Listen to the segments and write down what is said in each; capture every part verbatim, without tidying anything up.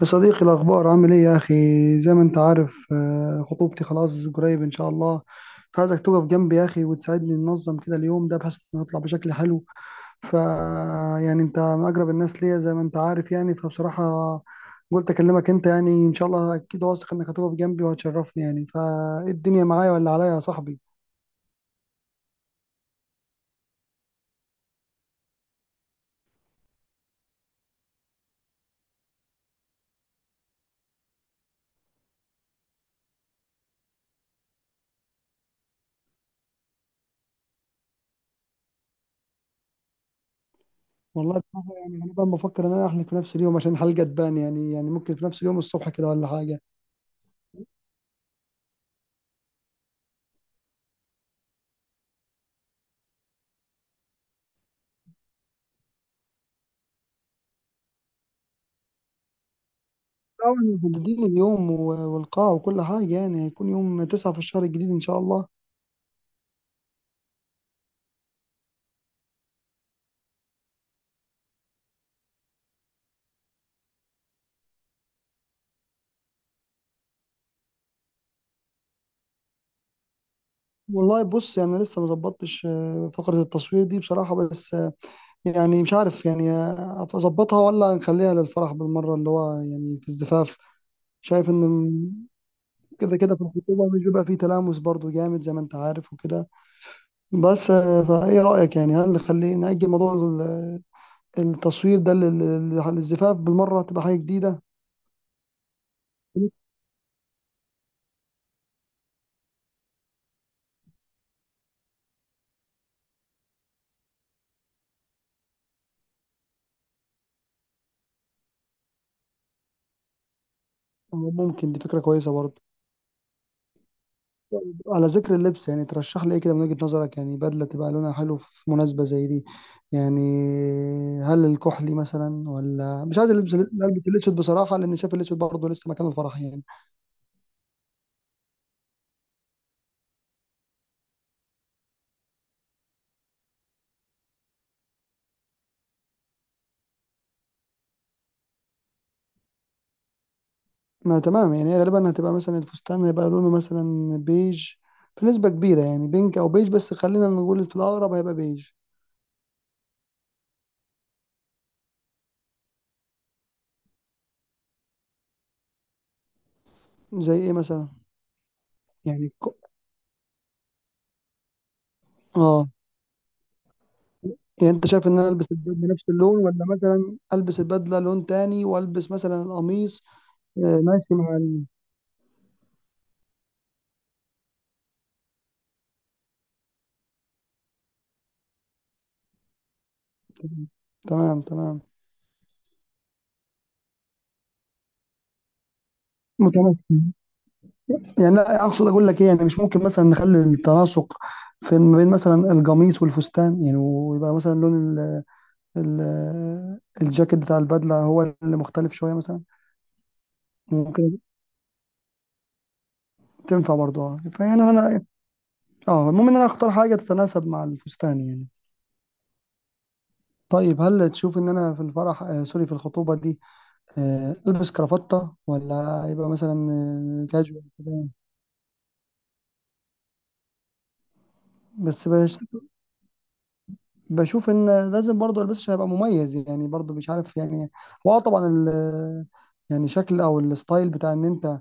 يا صديقي، الأخبار عامل إيه يا أخي؟ زي ما أنت عارف آه، خطوبتي خلاص قريب إن شاء الله. فعايزك تقف جنبي يا أخي وتساعدني ننظم كده اليوم ده بحيث نطلع بشكل حلو. ف يعني أنت من أقرب الناس ليا زي ما أنت عارف يعني، فبصراحة قلت أكلمك أنت، يعني إن شاء الله أكيد واثق إنك هتقف جنبي وهتشرفني، يعني فإيه الدنيا معايا ولا عليا يا صاحبي؟ والله بصراحة يعني أنا بقى بفكر إن أنا أحلف في نفس اليوم عشان الحلقة تبان يعني، يعني ممكن في نفس اليوم الصبح كده ولا حاجة. طبعا محددين اليوم و- والقاعة وكل حاجة، يعني هيكون يوم تسعة في الشهر الجديد إن شاء الله. والله بص يعني لسه مظبطتش آه، فقرة التصوير دي بصراحة، بس آه، يعني مش عارف يعني آه، أظبطها ولا نخليها للفرح بالمرة، اللي هو يعني في الزفاف. شايف إن م- كده كده في الخطوبة مش بيبقى فيه تلامس برضو جامد زي ما أنت عارف وكده، بس آه، فإيه رأيك يعني، هل نخلي نأجل موضوع ال- التصوير ده لل- للزفاف بالمرة تبقى حاجة جديدة؟ ممكن دي فكرة كويسة برضو. على ذكر اللبس يعني، ترشح لي ايه كده من وجهة نظرك؟ يعني بدلة تبقى لونها حلو في مناسبة زي دي، يعني هل الكحلي مثلا ولا مش عايز، البس البس الاسود بصراحة لان شايف الاسود برضه لسه مكان الفرح يعني. ما تمام، يعني هي غالبا هتبقى مثلا الفستان هيبقى لونه مثلا بيج في نسبة كبيرة، يعني بينك او بيج، بس خلينا نقول في الاقرب هيبقى بيج. زي ايه مثلا؟ يعني ك- اه يعني انت شايف ان انا البس البدله نفس اللون ولا مثلا البس البدله لون تاني والبس مثلا القميص آه، ماشي مع. تمام تمام. متمكن، يعني لا اقصد اقول لك ايه، يعني مش ممكن مثلا نخلي التناسق في ما بين مثلا القميص والفستان، يعني ويبقى مثلا لون ال ال الجاكيت بتاع البدله هو اللي مختلف شويه مثلا. ممكن تنفع برضه اه فيعني انا، اه المهم ان انا اختار حاجه تتناسب مع الفستان يعني. طيب هل تشوف ان انا في الفرح آه سوري في الخطوبه دي آه البس كرافته ولا يبقى مثلا آه، كاجوال كده؟ بس بشوف ان لازم برضه البس عشان ابقى مميز يعني، برضه مش عارف يعني. واه طبعا ال يعني شكل او الستايل بتاع ان انت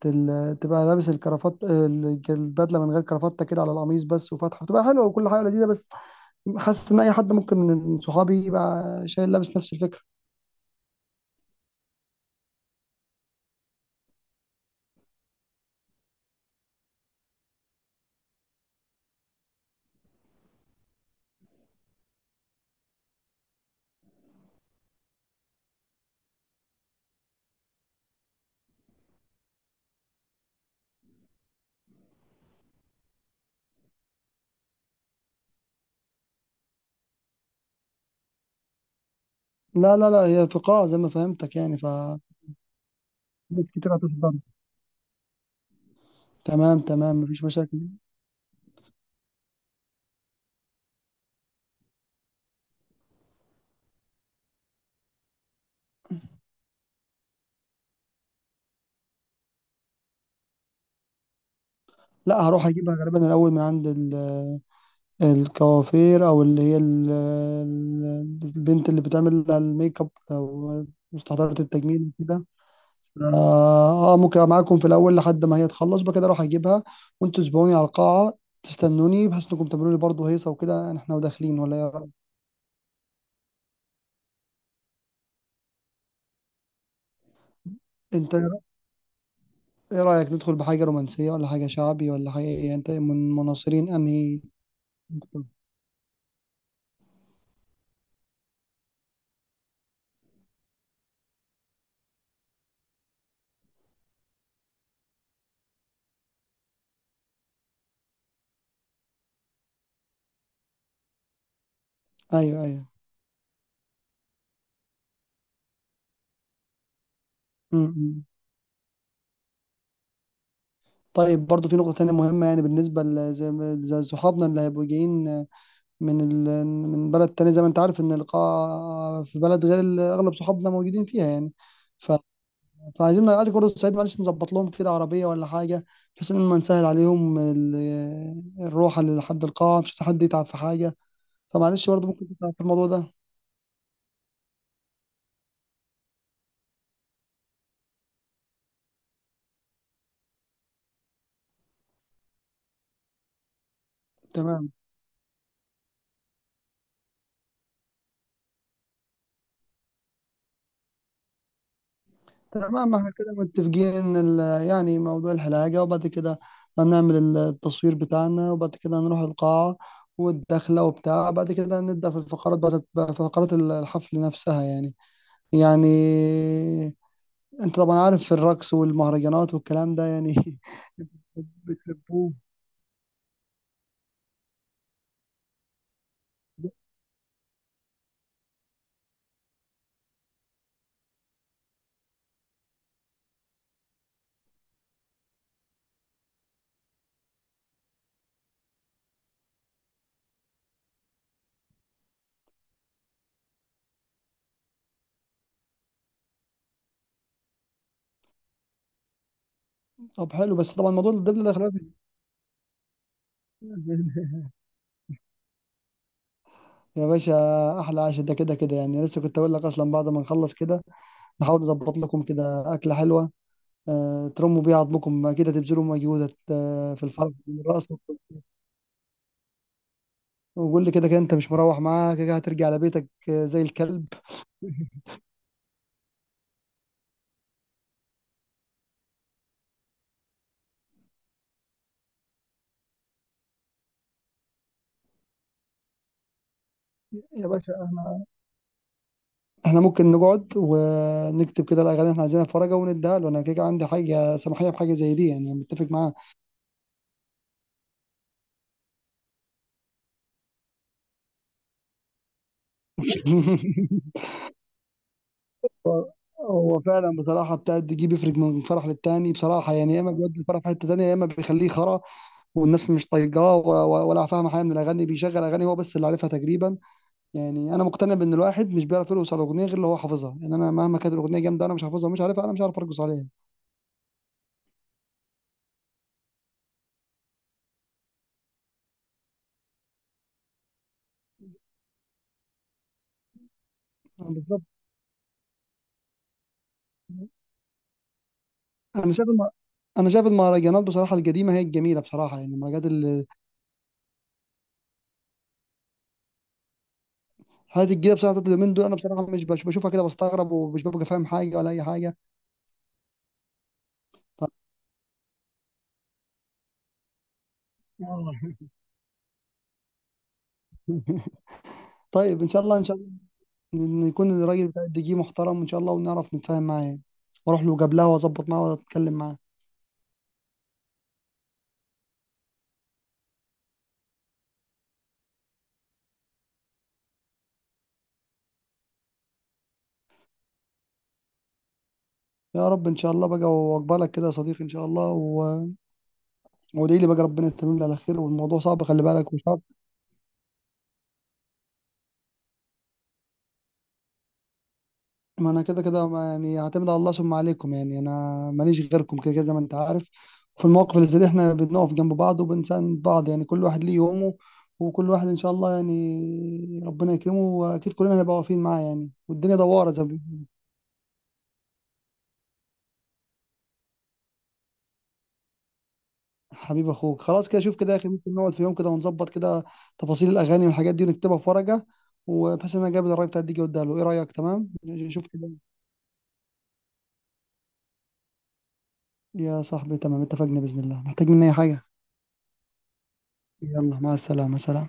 تل- تبقى لابس الكرافات ال- البدله من غير كرافته كده على القميص بس وفاتحه بتبقى حلوه وكل حاجه لذيذه، بس حاسس ان اي حد ممكن من صحابي يبقى شايل لابس نفس الفكره. لا لا لا، هي في قاعه زي ما فهمتك يعني، ف ناس كتير هتحضر. تمام تمام مفيش مشاكل. لا، هروح اجيبها غالبا الاول من عند ال الكوافير او اللي هي ال- ال- البنت اللي بتعمل الميك اب او مستحضرة التجميل كده. اه آه، ممكن أبقى معاكم في الاول لحد ما هي تخلص، بكده اروح اجيبها وانتوا تسبقوني على القاعة تستنوني بحيث انكم تعملوا لي برضه هيصة وكده احنا وداخلين، ولا إيه رأيك؟ انت ايه رأيك ندخل بحاجة رومانسية ولا حاجة شعبي ولا حاجة ايه؟ انت من مناصرين انهي؟ ايوه ايوه. م- م. طيب برضه في نقطة تانية مهمة، يعني بالنسبة ل- زي ما- زي صحابنا اللي هيبقوا جايين من ال... من بلد تاني، زي ما انت عارف ان القاعة في بلد غير ال- اغلب صحابنا موجودين فيها يعني ف... فعايزين عايزك برضه تساعد، معلش نظبط لهم كده عربية ولا حاجة بحيث ان ما نسهل عليهم ال... الروح لحد القاعة، مش عايز حد يتعب في حاجة، فمعلش برضه ممكن تتعب في الموضوع ده. تمام تمام، احنا كده متفقين ان ال... يعني موضوع الحلاقة، وبعد كده هنعمل ال- التصوير بتاعنا، وبعد كده هنروح القاعة والدخلة وبتاع، بعد كده نبدأ في الفقرات بقى، في فقرات الحفل نفسها يعني، يعني انت طبعا عارف في الرقص والمهرجانات والكلام ده يعني بتحبوه. طب حلو، بس طبعا موضوع الدبل ده خلاص. يا باشا، احلى عشاء ده كده كده، يعني لسه كنت اقول لك اصلا بعد ما نخلص كده نحاول نظبط لكم كده اكله حلوه، أه ترموا بيها عظمكم كده تبذلوا مجهودك آه، في الفرح والرقص. وقول لي كده كده انت مش مروح، معاك كده هترجع لبيتك آه، زي الكلب. يا باشا احنا ممكن نقعد ونكتب كده الاغاني اللي احنا عايزينها في ورقه ونديها له، انا كده كده عندي حاجه سماحيه بحاجه زي دي يعني، أنا متفق معاه. هو هو فعلا بصراحه بتاع الدي بيفرق من فرح للتاني بصراحه، يعني يا اما بيودي الفرح في حته تانيه يا اما بيخليه خرا، والناس مش طايقاه و- و- ولا فاهمه حاجه من الاغاني، بيشغل اغاني هو بس اللي عارفها تقريبا. يعني انا مقتنع بان الواحد مش بيعرف يرقص على الاغنيه غير اللي هو حافظها، يعني انا مهما كانت الاغنيه جامده انا مش حافظها ومش عارفها، انا مش عارف ارقص عليها. بالظبط. انا شايف الم- انا شايف المهرجانات بصراحه القديمه هي الجميله بصراحه، يعني المهرجانات هذه الجديده بصراحه بتاعت اليومين دول انا بصراحه مش بش- بشوفها كده بستغرب ومش ببقى فاهم حاجه ولا اي حاجه. ف... آه. طيب ان شاء الله ان شاء الله، ن- نكون الراجل بتاع الدي جي محترم ان شاء الله ونعرف نتفاهم معاه يعني. واروح له قبلها واظبط معاه واتكلم معاه. يا رب ان شاء الله بقى، واقبلك كده يا صديقي ان شاء الله و... وادعي لي بقى ربنا يتمم لي على خير، والموضوع صعب خلي بالك، وصعب. ما انا كده كده ما- يعني هعتمد على الله ثم عليكم، يعني انا ماليش غيركم كده كده زي ما انت عارف، في المواقف اللي زي دي احنا بنقف جنب بعض وبنساند بعض، يعني كل واحد ليه يومه وكل واحد ان شاء الله يعني ربنا يكرمه، واكيد كلنا هنبقى واقفين معاه يعني، والدنيا دواره زي ما بيقولوا. حبيب اخوك، خلاص كده شوف كده يا اخي، ممكن نقعد في يوم كده ونظبط كده تفاصيل الاغاني والحاجات دي ونكتبها في ورقه، وبحيث ان انا جايب الراي بتاعتي اوديها له، ايه رايك؟ تمام شوف كده يا صاحبي، تمام اتفقنا باذن الله، محتاج مني اي حاجه؟ يلا مع السلامه، سلام.